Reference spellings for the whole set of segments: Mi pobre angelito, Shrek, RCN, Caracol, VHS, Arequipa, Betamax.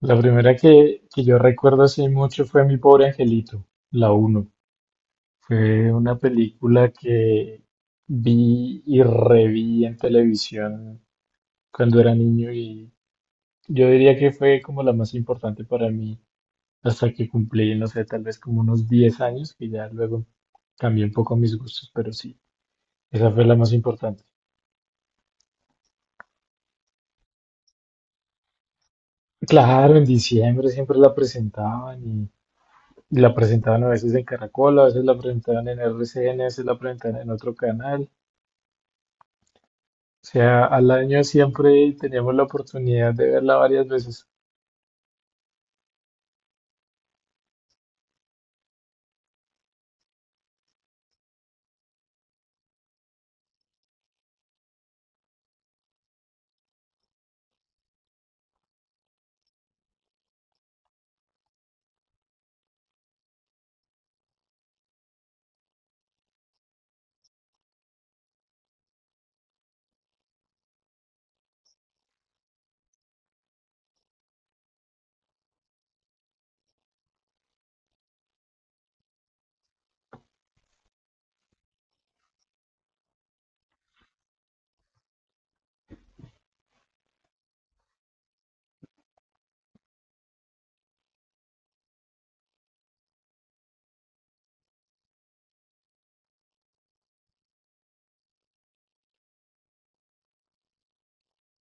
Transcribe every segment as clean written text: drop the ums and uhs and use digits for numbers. La primera que yo recuerdo hace mucho fue Mi pobre angelito, la uno. Fue una película que vi y reví en televisión cuando era niño y yo diría que fue como la más importante para mí hasta que cumplí, no sé, tal vez como unos 10 años, que ya luego cambié un poco mis gustos, pero sí, esa fue la más importante. Claro, en diciembre siempre la presentaban y la presentaban a veces en Caracol, a veces la presentaban en RCN, a veces la presentaban en otro canal. Sea, al año siempre teníamos la oportunidad de verla varias veces.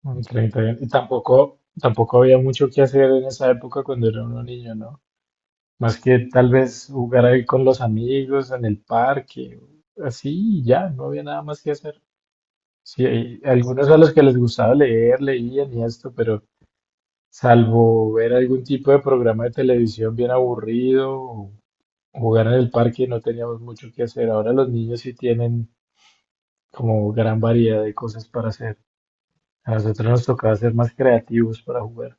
En 31. Y tampoco había mucho que hacer en esa época cuando era uno niño, ¿no? Más que tal vez jugar ahí con los amigos en el parque, así, y ya, no había nada más que hacer. Sí, hay algunos a los que les gustaba leer, leían y esto, pero salvo ver algún tipo de programa de televisión bien aburrido o jugar en el parque, no teníamos mucho que hacer. Ahora los niños sí tienen como gran variedad de cosas para hacer. A nosotros nos tocaba ser más creativos para jugar.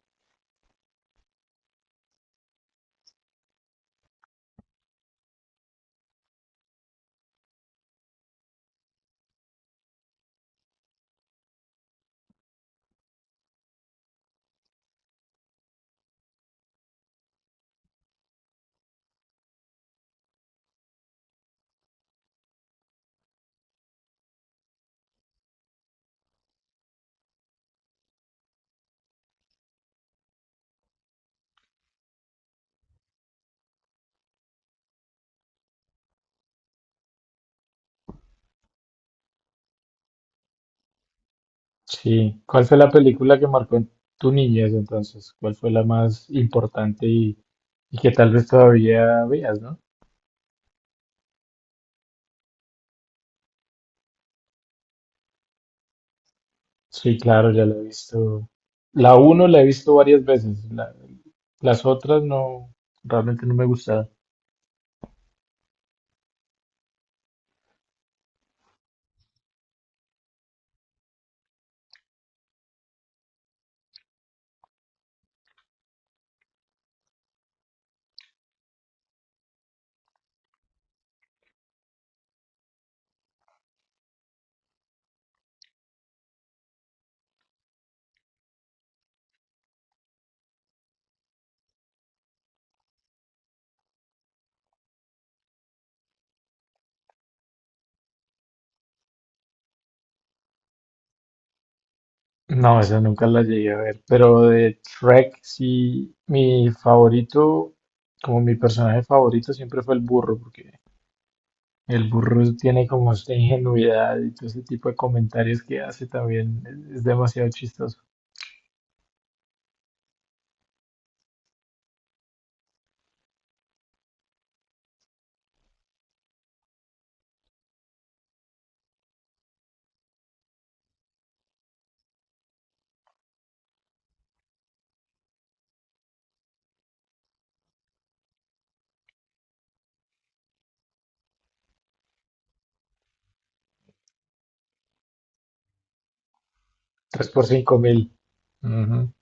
Sí. ¿Cuál fue la película que marcó en tu niñez entonces? ¿Cuál fue la más importante y que tal vez todavía veas, no? Sí, claro, ya la he visto. La uno la he visto varias veces. Las otras no, realmente no me gustaron. No, esa nunca la llegué a ver. Pero de Shrek, sí, mi favorito, como mi personaje favorito siempre fue el burro, porque el burro tiene como esta ingenuidad y todo ese tipo de comentarios que hace también es demasiado chistoso. 3 por 5.000. Ujú.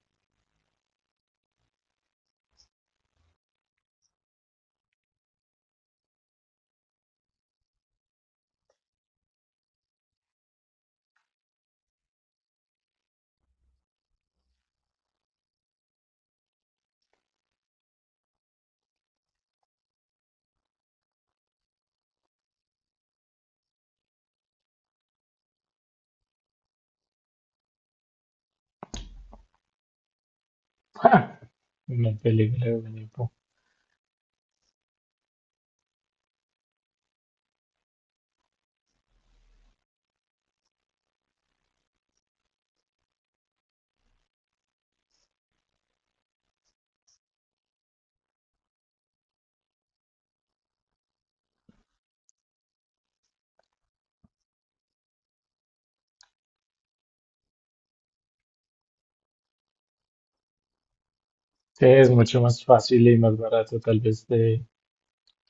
Una película de Menipo. Sí, es mucho más fácil y más barato tal vez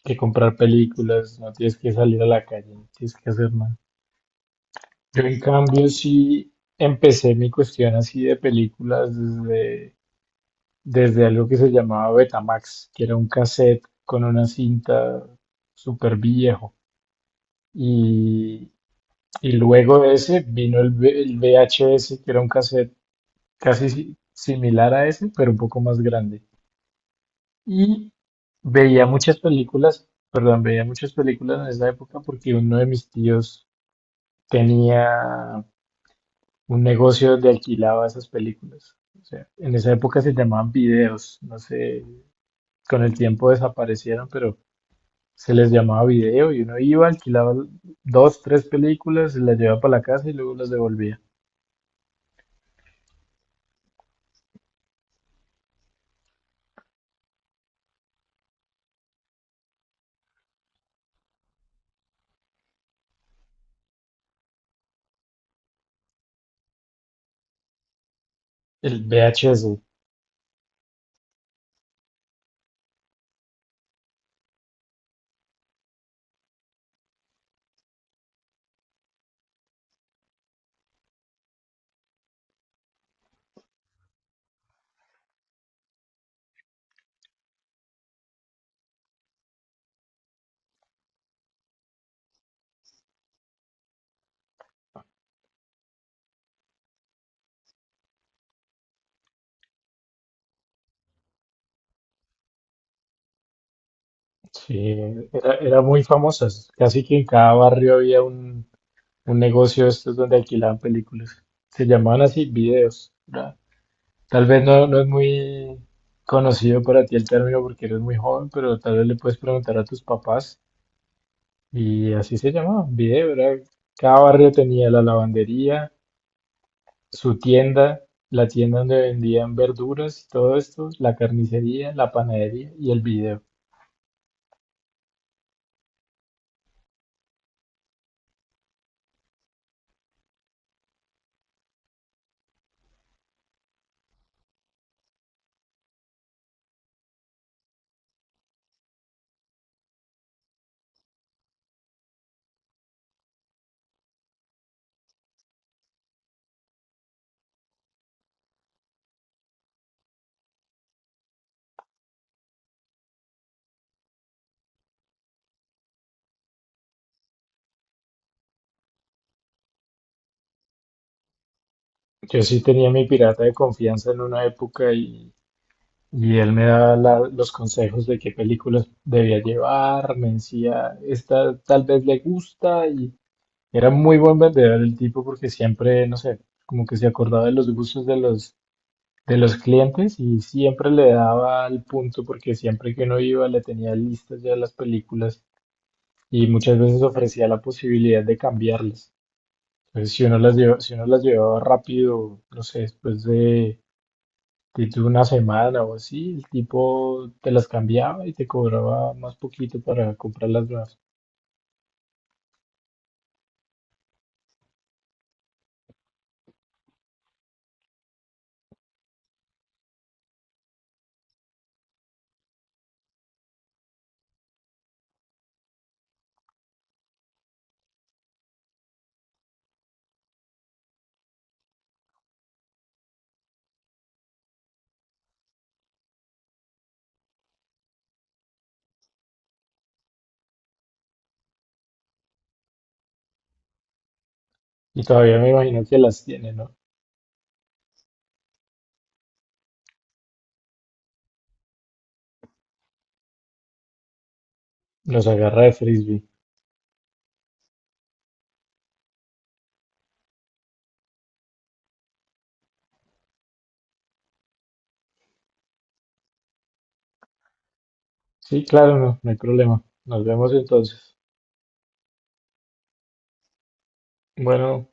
que comprar películas. No tienes que salir a la calle, no tienes que hacer nada. Yo en cambio sí empecé mi cuestión así de películas desde algo que se llamaba Betamax, que era un cassette con una cinta súper viejo. Y, y luego de ese vino el VHS, que era un cassette casi similar a ese, pero un poco más grande. Y veía muchas películas, perdón, veía muchas películas en esa época porque uno de mis tíos tenía un negocio donde alquilaba esas películas. O sea, en esa época se llamaban videos, no sé, con el tiempo desaparecieron, pero se les llamaba video y uno iba, alquilaba dos, tres películas, se las llevaba para la casa y luego las devolvía. El VHS, sí, era muy famoso. Casi que en cada barrio había un negocio de estos donde alquilaban películas. Se llamaban así videos. ¿Verdad? Tal vez no, no es muy conocido para ti el término porque eres muy joven, pero tal vez le puedes preguntar a tus papás. Y así se llamaba, video, ¿verdad? Cada barrio tenía la lavandería, su tienda, la tienda donde vendían verduras y todo esto, la carnicería, la panadería y el video. Yo sí tenía mi pirata de confianza en una época y él me daba los consejos de qué películas debía llevar, me decía, esta tal vez le gusta y era muy buen vendedor el tipo porque siempre, no sé, como que se acordaba de los gustos de los clientes y siempre le daba al punto porque siempre que uno iba le tenía listas ya las películas y muchas veces ofrecía la posibilidad de cambiarlas. Entonces, si uno las llevaba rápido, no sé, después de... Y tú una semana o así, el tipo te las cambiaba y te cobraba más poquito para comprar las nuevas. Y todavía me imagino que las tiene, ¿no? Los agarra de frisbee. Sí, claro, no, no hay problema. Nos vemos entonces. Bueno.